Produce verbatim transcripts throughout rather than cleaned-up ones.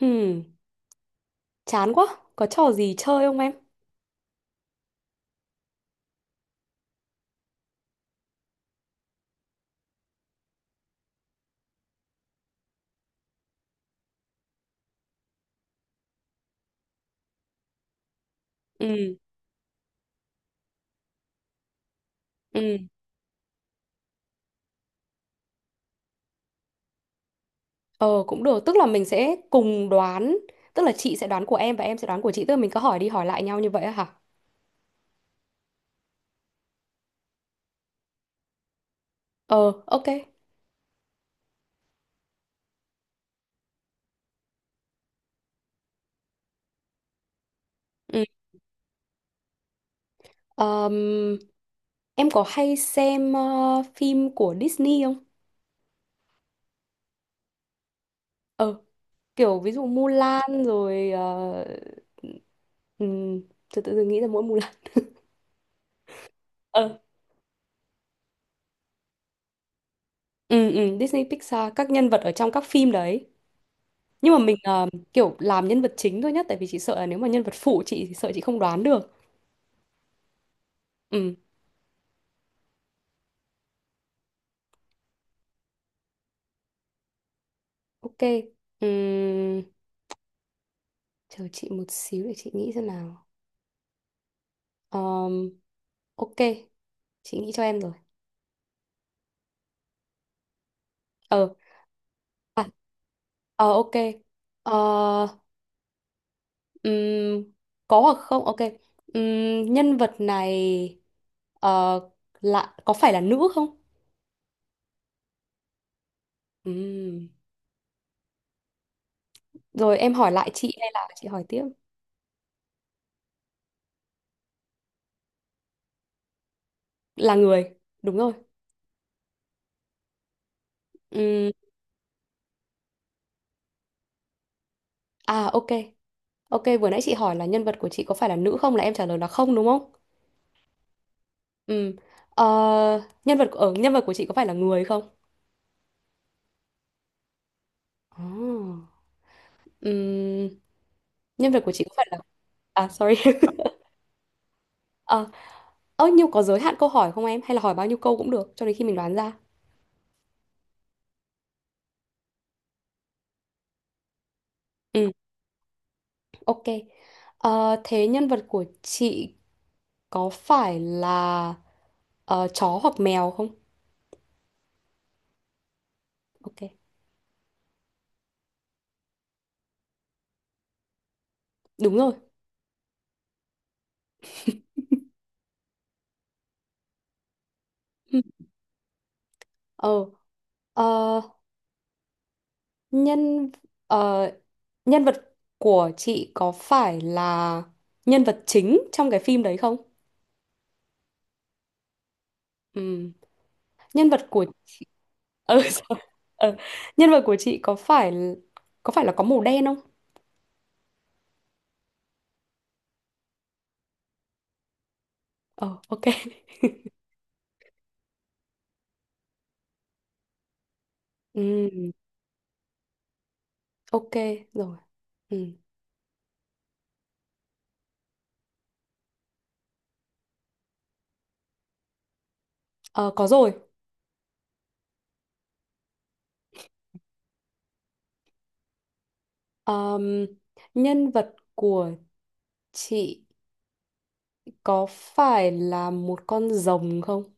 Ừm, Chán quá. Có trò gì chơi không em? Ừ. Ừ. Ờ Cũng được, tức là mình sẽ cùng đoán, tức là chị sẽ đoán của em và em sẽ đoán của chị, tức là mình cứ hỏi đi hỏi lại nhau như vậy á hả? Ờ, ok. Ừm, ờm, em có hay xem ờ, phim của Disney không? Ờ, Kiểu ví dụ Mulan rồi, ờ, ừm, tự tự dưng nghĩ ra mỗi Mulan. Ờ, ừ, ừ, Disney Pixar các nhân vật ở trong các phim đấy. Nhưng mà mình ờ, kiểu làm nhân vật chính thôi nhá, tại vì chị sợ là nếu mà nhân vật phụ chị thì sợ chị không đoán được. Ừ. Ok. Ừm, Chờ chị một xíu để chị nghĩ xem nào. Ờm, ok, chị nghĩ cho em rồi. Ờ. à, ờ ok. Ờ. ừm, có hoặc không, ok. Ừm, nhân vật này ờ, là có phải là nữ không? Ừm. Rồi em hỏi lại chị hay là chị hỏi tiếp? Là người. Đúng rồi. Ừm. À, ok. Ok, vừa nãy chị hỏi là nhân vật của chị có phải là nữ không, là em trả lời là không đúng không? Ừ. Ờ, nhân vật ở nhân vật của chị có phải là người không? Ồ. Ừm, Nhân vật của chị có phải là... À, sorry. Ờ, ơ nhiêu có giới hạn câu hỏi không em, hay là hỏi bao nhiêu câu cũng được cho đến khi mình đoán ra? Ừ, ok. Ờ, thế nhân vật của chị có phải là ờ, chó hoặc mèo không? Ok. Đúng rồi. Ừ. Ờ, Ờ, nhân ờ, Nhân vật của chị có phải là nhân vật chính trong cái phim đấy không? Ừm, Nhân vật của... ừ, sao- ờ, Nhân vật của chị có phải có phải là có màu đen không? Ờ, ok. Ừm, ok, rồi. Ừm. Ờ, có rồi. Ờm, Nhân vật của chị có phải là một con rồng không?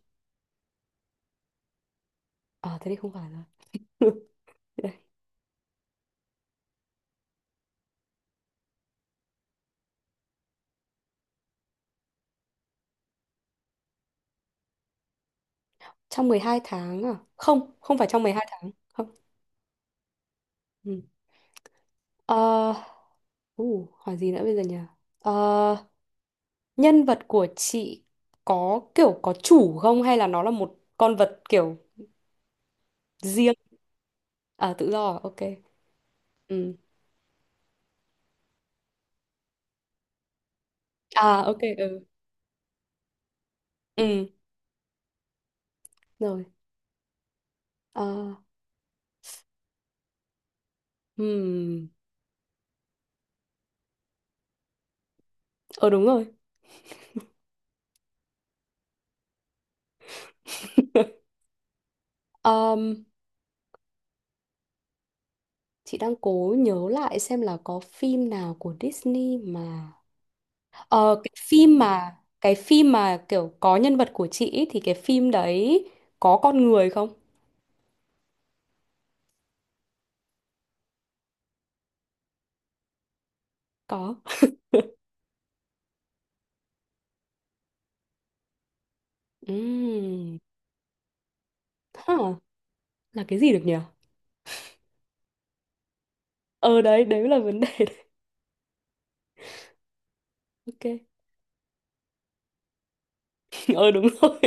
Ờ, thế thì không phải rồi. Đây, trong mười hai tháng à? Không, không phải trong mười hai tháng. Không. Ừ. Ờ, Uh, hỏi gì nữa bây giờ nhỉ? Ờ, nhân vật của chị có kiểu có chủ không, hay là nó là một con vật kiểu riêng? À, tự do à? Ok. Ừ. À, ok. Ừ. Ừ, rồi. Ờ. Hmm. Ờ, đúng rồi. Ờm, chị đang cố nhớ lại xem là có phim nào của Disney mà... Ờ, cái phim mà cái phim mà kiểu có nhân vật của chị ý, thì cái phim đấy có con người không? Có. Ừ. Là cái gì được nhỉ? Ờ, đấy, đấy là vấn đề đấy. Ok. Ờ, đúng rồi.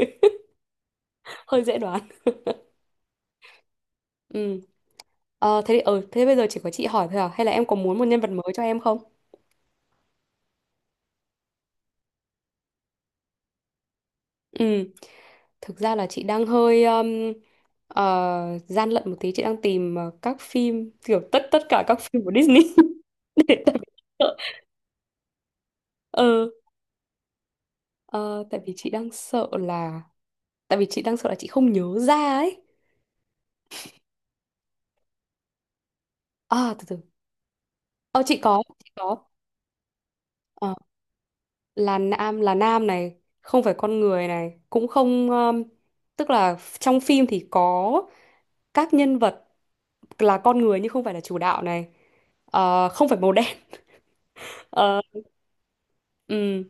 Hơi dễ đoán. Ừ. ờ thế thì ờ thế bây giờ chỉ có chị hỏi thôi à, hay là em có muốn một nhân vật mới cho em không? Ừ. Thực ra là chị đang hơi um, ờ, gian lận một tí, chị đang tìm ờ, các phim kiểu tất tất cả các phim của Disney. Để tại vì sợ. Ờ. ờ, Tại vì chị đang sợ là, tại vì chị đang sợ là chị không nhớ ra ấy. À, từ từ. ờ chị có, chị có. Ờ, là nam, là nam này. Không phải con người này, cũng không. Um, tức là trong phim thì có các nhân vật là con người nhưng không phải là chủ đạo này. Ờ, không phải màu đen. Ờ. ừm.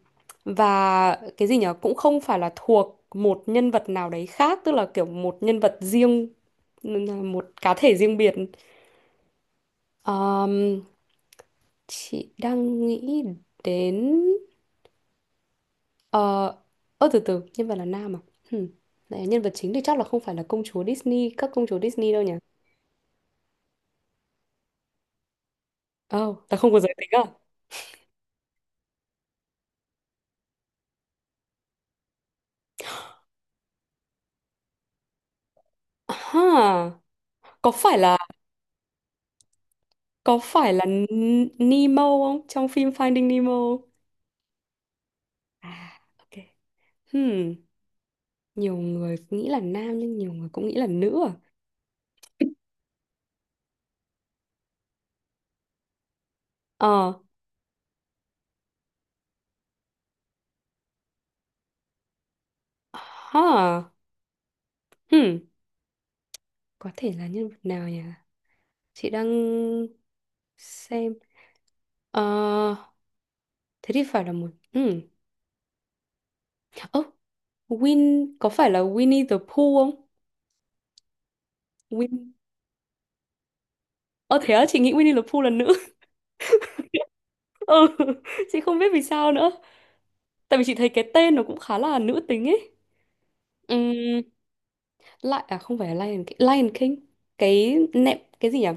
Và cái gì nhở? Cũng không phải là thuộc một nhân vật nào đấy khác, tức là kiểu một nhân vật riêng, một cá thể riêng biệt. Ờm, chị đang nghĩ đến... Ờ, ơ từ từ, nhân vật là nam à? Hmm. Này, nhân vật chính thì chắc là không phải là công chúa Disney, các công chúa Disney đâu nhỉ? Ồ, là không có giới tính à? Ha, có phải là có phải là N- Nemo không? Trong phim Finding Nemo không? À, ok. Hmm, nhiều người nghĩ là nam nhưng nhiều người cũng nghĩ là nữ à? Ờ. Ha. Hmm, có thể là nhân vật nào nhỉ? Chị đang xem. Ờ, thế thì phải là một... Hmm. Win có phải là Winnie the Pooh không? Win. Ờ thế á, chị nghĩ Winnie the Pooh là nữ. Ừ, chị không biết vì sao nữa. Tại vì chị thấy cái tên nó cũng khá là nữ tính ấy. Ừm, Lại à không phải là Lion King, Lion King. Cái nệm cái gì nhỉ?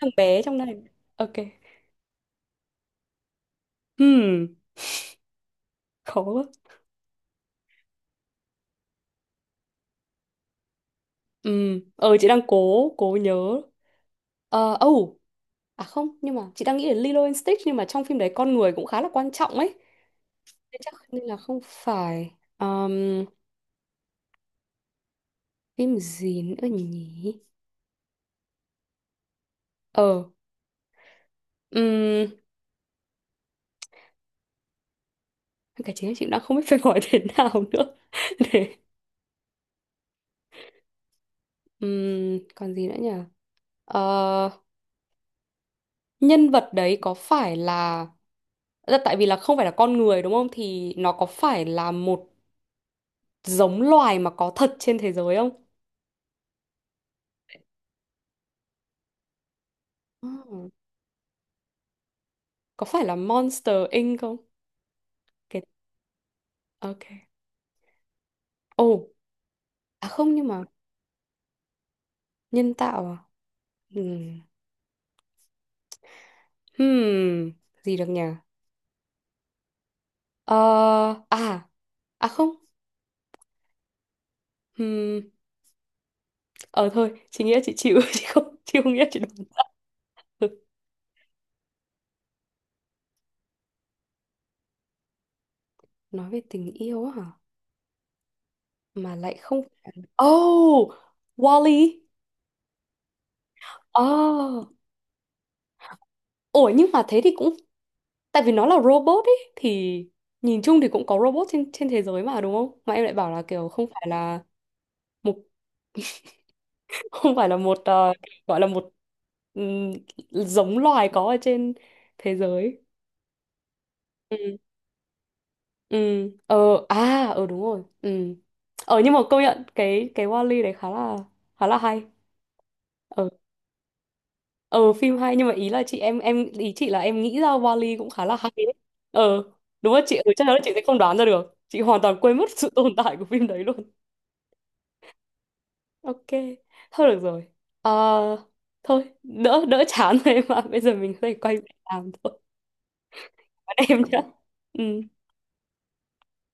Thằng bé trong này. Ok. Hmm, khó quá. Ừm, ờ chị đang cố cố nhớ. Ờ, oh, à không, nhưng mà chị đang nghĩ đến Lilo and Stitch nhưng mà trong phim đấy con người cũng khá là quan trọng ấy. Thế chắc nên là không phải. Ờm, Phim gì nữa nhỉ? Ờ, um, cả chính là chị đã không biết phải gọi thế nào nữa. Để, ừm, còn gì nữa nhỉ? Ờ, nhân vật đấy có phải là, là tại vì là không phải là con người đúng không? Thì nó có phải là một giống loài mà có thật trên thế giới không? Ờ. Có phải là Monster Inc không? Cái, ok. Ồ, à không nhưng mà nhân tạo à? Ừm. Hmm, gì được nhỉ? Ờ, à, à không. Ờ thôi chị nghĩ là chị chịu chị không chị không nghĩ là chị đoán ra. Ừ. Nói về tình yêu á hả, mà lại không phải... Oh, Wall-E. Oh, ủa nhưng mà thế thì cũng... Tại vì nó là robot ấy thì nhìn chung thì cũng có robot trên trên thế giới mà đúng không, mà em lại bảo là kiểu không phải là một không phải là một, ờ, gọi là một, ừm, giống loài có ở trên thế giới. Ừ. Ờ, à, ờ đúng rồi. Ừ. Ờ nhưng mà công nhận cái cái Wall-E đấy khá là khá là hay. Ờ. Ờ phim hay, nhưng mà ý là chị em em ý chị là em nghĩ ra Wall-E cũng khá là hay đấy. Ờ, đúng rồi chị. Ừ, chắc chắn là chị sẽ không đoán ra được. Chị hoàn toàn quên mất sự tồn tại của phim đấy luôn. Ok, thôi được rồi. Ờ, thôi, đỡ đỡ chán rồi em ạ. Bây giờ mình có thể quay về làm thôi. Bạn em nhé. Ừ.